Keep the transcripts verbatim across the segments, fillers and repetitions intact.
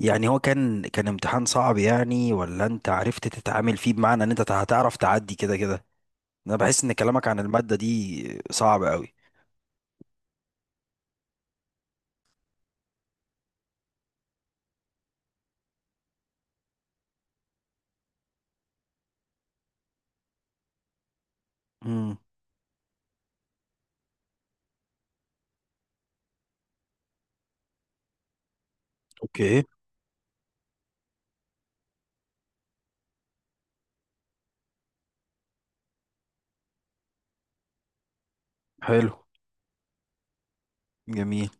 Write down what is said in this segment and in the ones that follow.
يعني هو كان كان امتحان صعب يعني، ولا انت عرفت تتعامل فيه بمعنى ان انت هتعرف تعدي كده كده؟ انا بحس ان كلامك عن المادة دي صعب قوي. امم. اوكي. حلو. جميل.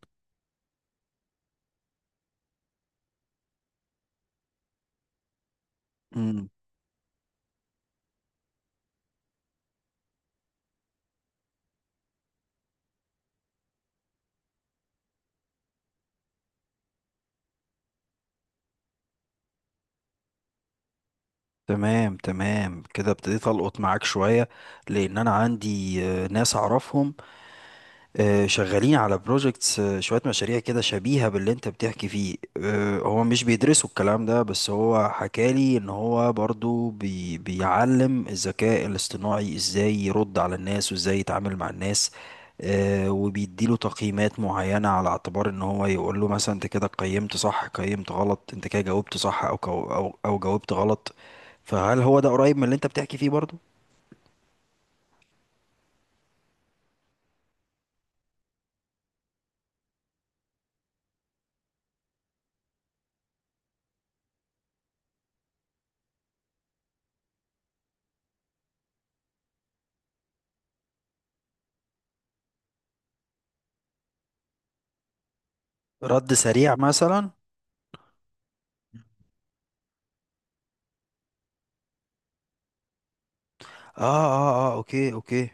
امم. تمام، تمام، كده ابتديت القط معاك شوية. لان انا عندي آه، ناس اعرفهم، آه، شغالين على بروجكتس، شوية مشاريع كده شبيهة باللي انت بتحكي فيه، آه، هو مش بيدرسوا الكلام ده، بس هو حكالي ان هو برضو بي بيعلم الذكاء الاصطناعي ازاي يرد على الناس وازاي يتعامل مع الناس. آه، وبيديله تقييمات معينة، على اعتبار ان هو يقول له مثلا انت كده قيمت صح، قيمت غلط، انت كده جاوبت صح او كو- او او جاوبت غلط. فهل هو ده قريب من اللي انت بتحكي فيه برضو؟ رد سريع مثلا. اه، اه، اه، اوكي، اوكي.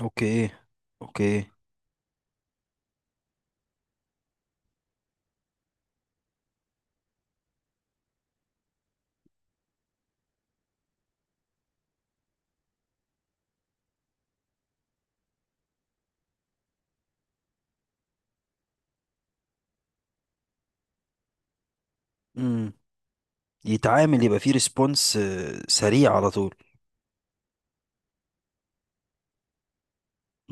اوكي. اوكي. امم. يتعامل، يبقى فيه ريسبونس سريع على طول.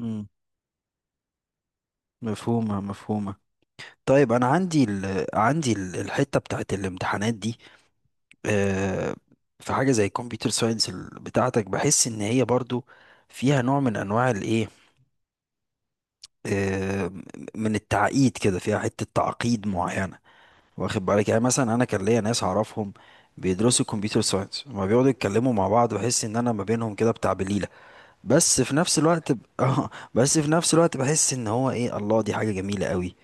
امم. مفهومة، مفهومة. طيب انا عندي ال... عندي ال- الحتة بتاعت الامتحانات دي، آه، في حاجة زي الكمبيوتر ساينس بتاعتك، بحس ان هي برضو فيها نوع من انواع الايه، آه، من التعقيد كده، فيها حتة تعقيد معينة. واخد بالك؟ يعني مثلا انا كان ليا ناس اعرفهم بيدرسوا كمبيوتر ساينس، لما بيقعدوا يتكلموا مع بعض بحس ان انا ما بينهم كده، بتاع بليلة. بس في نفس الوقت ب... اه، بس في نفس الوقت بحس ان هو ايه، الله، دي حاجة جميلة قوي.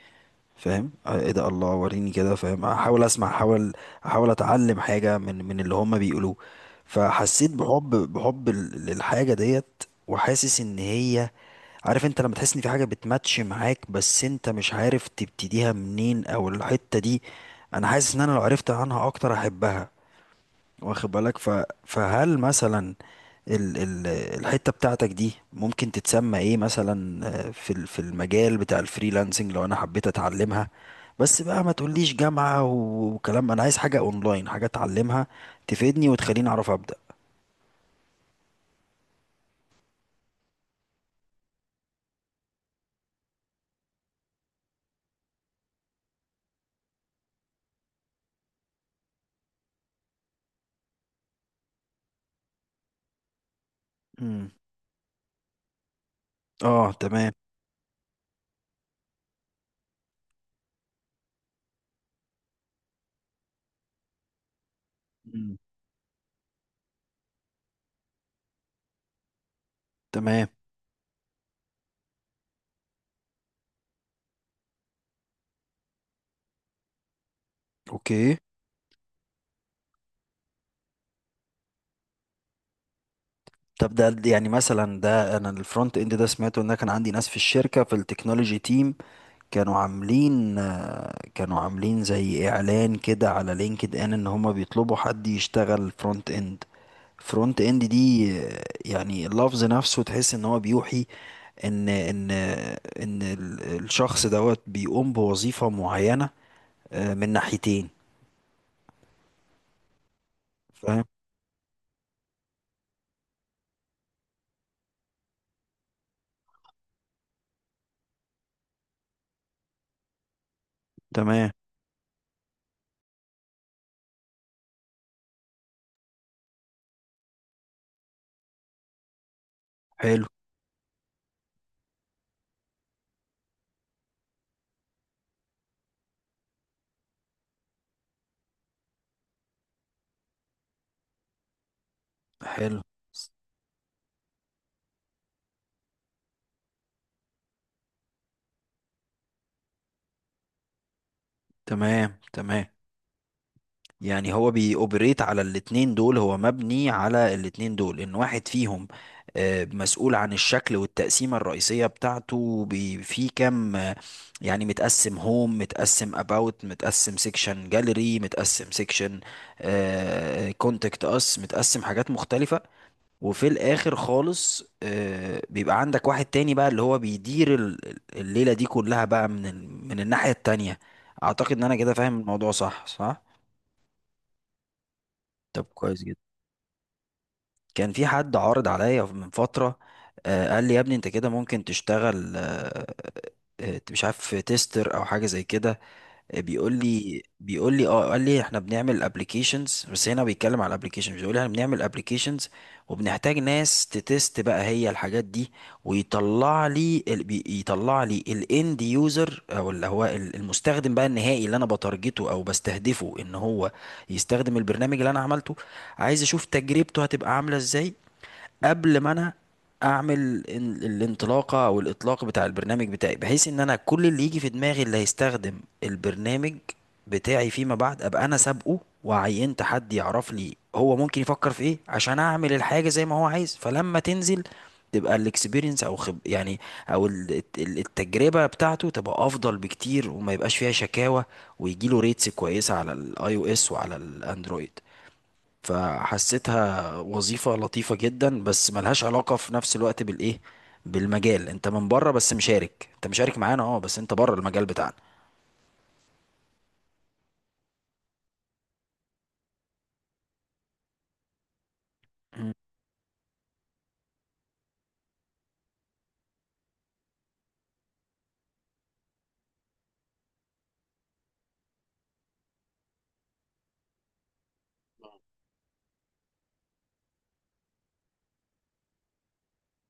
فاهم، آه، ايه ده، الله، وريني كده، فاهم، احاول اسمع، احاول احاول اتعلم حاجة من من اللي هما بيقولوه. فحسيت بحب بحب لل- للحاجة ديت، وحاسس ان هي. عارف انت لما تحس ان في حاجة بتماتش معاك، بس انت مش عارف تبتديها منين او الحتة دي؟ انا حاسس ان انا لو عرفت عنها اكتر احبها. واخد بالك؟ ف... فهل مثلا ال... ال... الحتة بتاعتك دي ممكن تتسمى ايه مثلا، آه، في ال- في المجال بتاع الفريلانسنج، لو انا حبيت اتعلمها؟ بس بقى ما تقوليش جامعة و- وكلام، انا عايز حاجة اونلاين، حاجة اتعلمها تفيدني وتخليني اعرف ابدأ. امم. اه، تمام. مم. تمام. اوكي. طب ده يعني مثلا، ده انا الفرونت اند ده سمعته، ان أنا كان عندي ناس في الشركة في التكنولوجي تيم، كانوا عاملين آه، كانوا عاملين زي اعلان كده على لينكد ان، ان هما بيطلبوا حد يشتغل فرونت اند فرونت اند دي، آه، يعني اللفظ نفسه تحس ان هو بيوحي ان ان آه، ان ال- الشخص دوت بيقوم بوظيفة معينة، آه، من ناحيتين. فاهم. تمام. حلو. حلو. تمام، تمام. يعني هو بيأوبريت على الاتنين دول، هو مبني على الاتنين دول، ان واحد فيهم، آه، مسؤول عن الشكل والتقسيمة الرئيسية بتاعته، بي- في كام، آه، يعني متقسم هوم، متقسم اباوت، متقسم سيكشن جاليري، متقسم سيكشن كونتاكت اس، متقسم حاجات مختلفة. وفي الاخر خالص، آه، بيبقى عندك واحد تاني بقى اللي هو بيدير ال- الليلة دي كلها بقى، من ال- من الناحية التانية. اعتقد ان انا كده فاهم الموضوع، صح، صح. طب كويس جدا. كان في حد عارض عليا من فترة، آه، قال لي: يا ابني انت كده ممكن تشتغل، آه، آه، مش عارف، تيستر او حاجة زي كده. بيقول لي بيقول لي اه، قال لي: احنا بنعمل ابلكيشنز، بس هنا بيتكلم على الابلكيشنز، بيقول لي: احنا بنعمل ابلكيشنز وبنحتاج ناس تتست بقى هي الحاجات دي. ويطلع لي ال- بي- يطلع لي الاند يوزر، او اللي هو ال- المستخدم بقى النهائي، اللي انا بتارجته او بستهدفه ان هو يستخدم البرنامج اللي انا عملته. عايز اشوف تجربته هتبقى عاملة ازاي قبل ما انا اعمل إن- الانطلاقه او الاطلاق بتاع البرنامج بتاعي، بحيث ان انا كل اللي يجي في دماغي اللي هيستخدم البرنامج بتاعي فيما بعد، ابقى انا سابقه وعينت حد يعرف لي هو ممكن يفكر في ايه، عشان اعمل الحاجه زي ما هو عايز. فلما تنزل تبقى الاكسبيرينس او خب يعني، او ال- الت- التجربه بتاعته تبقى افضل بكتير وما يبقاش فيها شكاوى، ويجي له ريتس كويسه على الاي او اس وعلى الاندرويد. فحسيتها وظيفة لطيفة جدا، بس ملهاش علاقة في نفس الوقت بالإيه، بالمجال، أنت من بره بس مشارك، أنت مشارك معانا، أه بس أنت بره المجال بتاعنا. مم.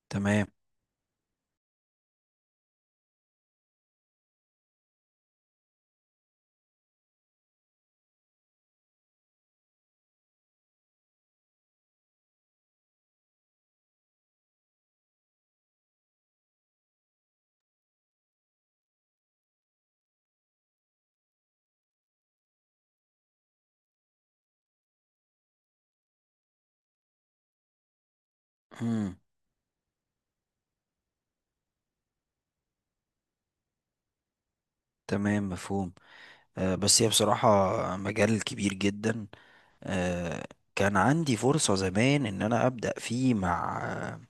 تمام. مم. تمام، مفهوم. آه، بس هي بصراحة مجال كبير جدا. آه. كان عندي فرصة زمان إن أنا أبدأ فيه مع، آه،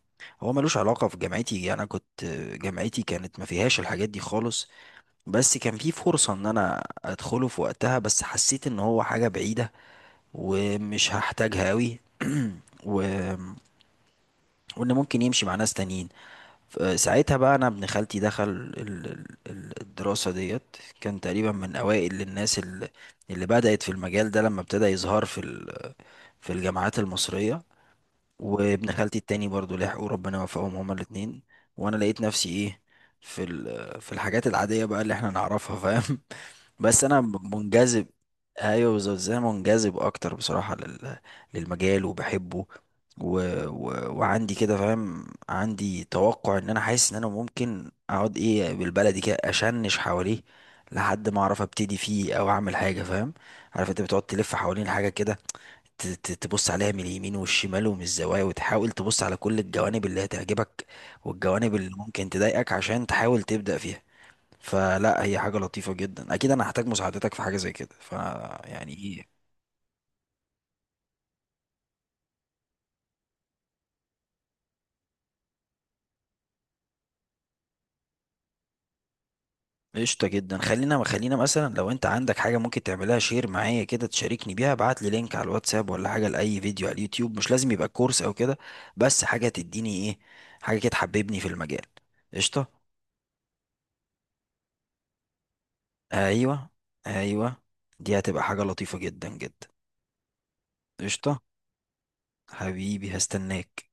هو ملوش علاقة في جامعتي، يعني أنا كنت آه، جامعتي كانت ما فيهاش الحاجات دي خالص. بس كان في فرصة إن أنا أدخله في وقتها، بس حسيت إن هو حاجة بعيدة ومش هحتاجها قوي، و... وان ممكن يمشي مع ناس تانيين. ف- ساعتها بقى، انا ابن خالتي دخل ال- ال- ال- الدراسة ديت، كان تقريبا من اوائل الناس اللي, اللي بدأت في المجال ده لما ابتدى يظهر في ال... في الجامعات المصرية. وابن خالتي التاني برضو لحقوا، ربنا وفقهم هما الاتنين. وانا لقيت نفسي ايه، في ال... في الحاجات العادية بقى اللي احنا نعرفها، فاهم، بس انا منجذب. ايوه، بالظبط، زي أنا منجذب اكتر بصراحه لل... للمجال وبحبه، و... و... وعندي كده، فاهم، عندي توقع ان انا حاسس ان انا ممكن اقعد ايه بالبلدي كده، اشنش حواليه لحد ما اعرف ابتدي فيه او اعمل حاجه، فاهم. عارف انت بتقعد تلف حوالين حاجه كده، ت... ت- تبص عليها من اليمين والشمال ومن الزوايا، وتحاول تبص على كل الجوانب اللي هتعجبك والجوانب اللي ممكن تضايقك عشان تحاول تبدا فيها. فلا، هي حاجة لطيفة جدا، اكيد انا هحتاج مساعدتك في حاجة زي كده، ف يعني ايه. قشطة جدا، خلينا، خلينا مثلا لو انت عندك حاجة ممكن تعملها شير معايا كده، تشاركني بيها، ابعت لي لينك على الواتساب ولا حاجة لأي فيديو على اليوتيوب، مش لازم يبقى كورس او كده، بس حاجة تديني ايه، حاجة كده تحببني في المجال. قشطة. ايوه، ايوه. دي هتبقى حاجة لطيفة جدا جدا. قشطة. حبيبي هستناك.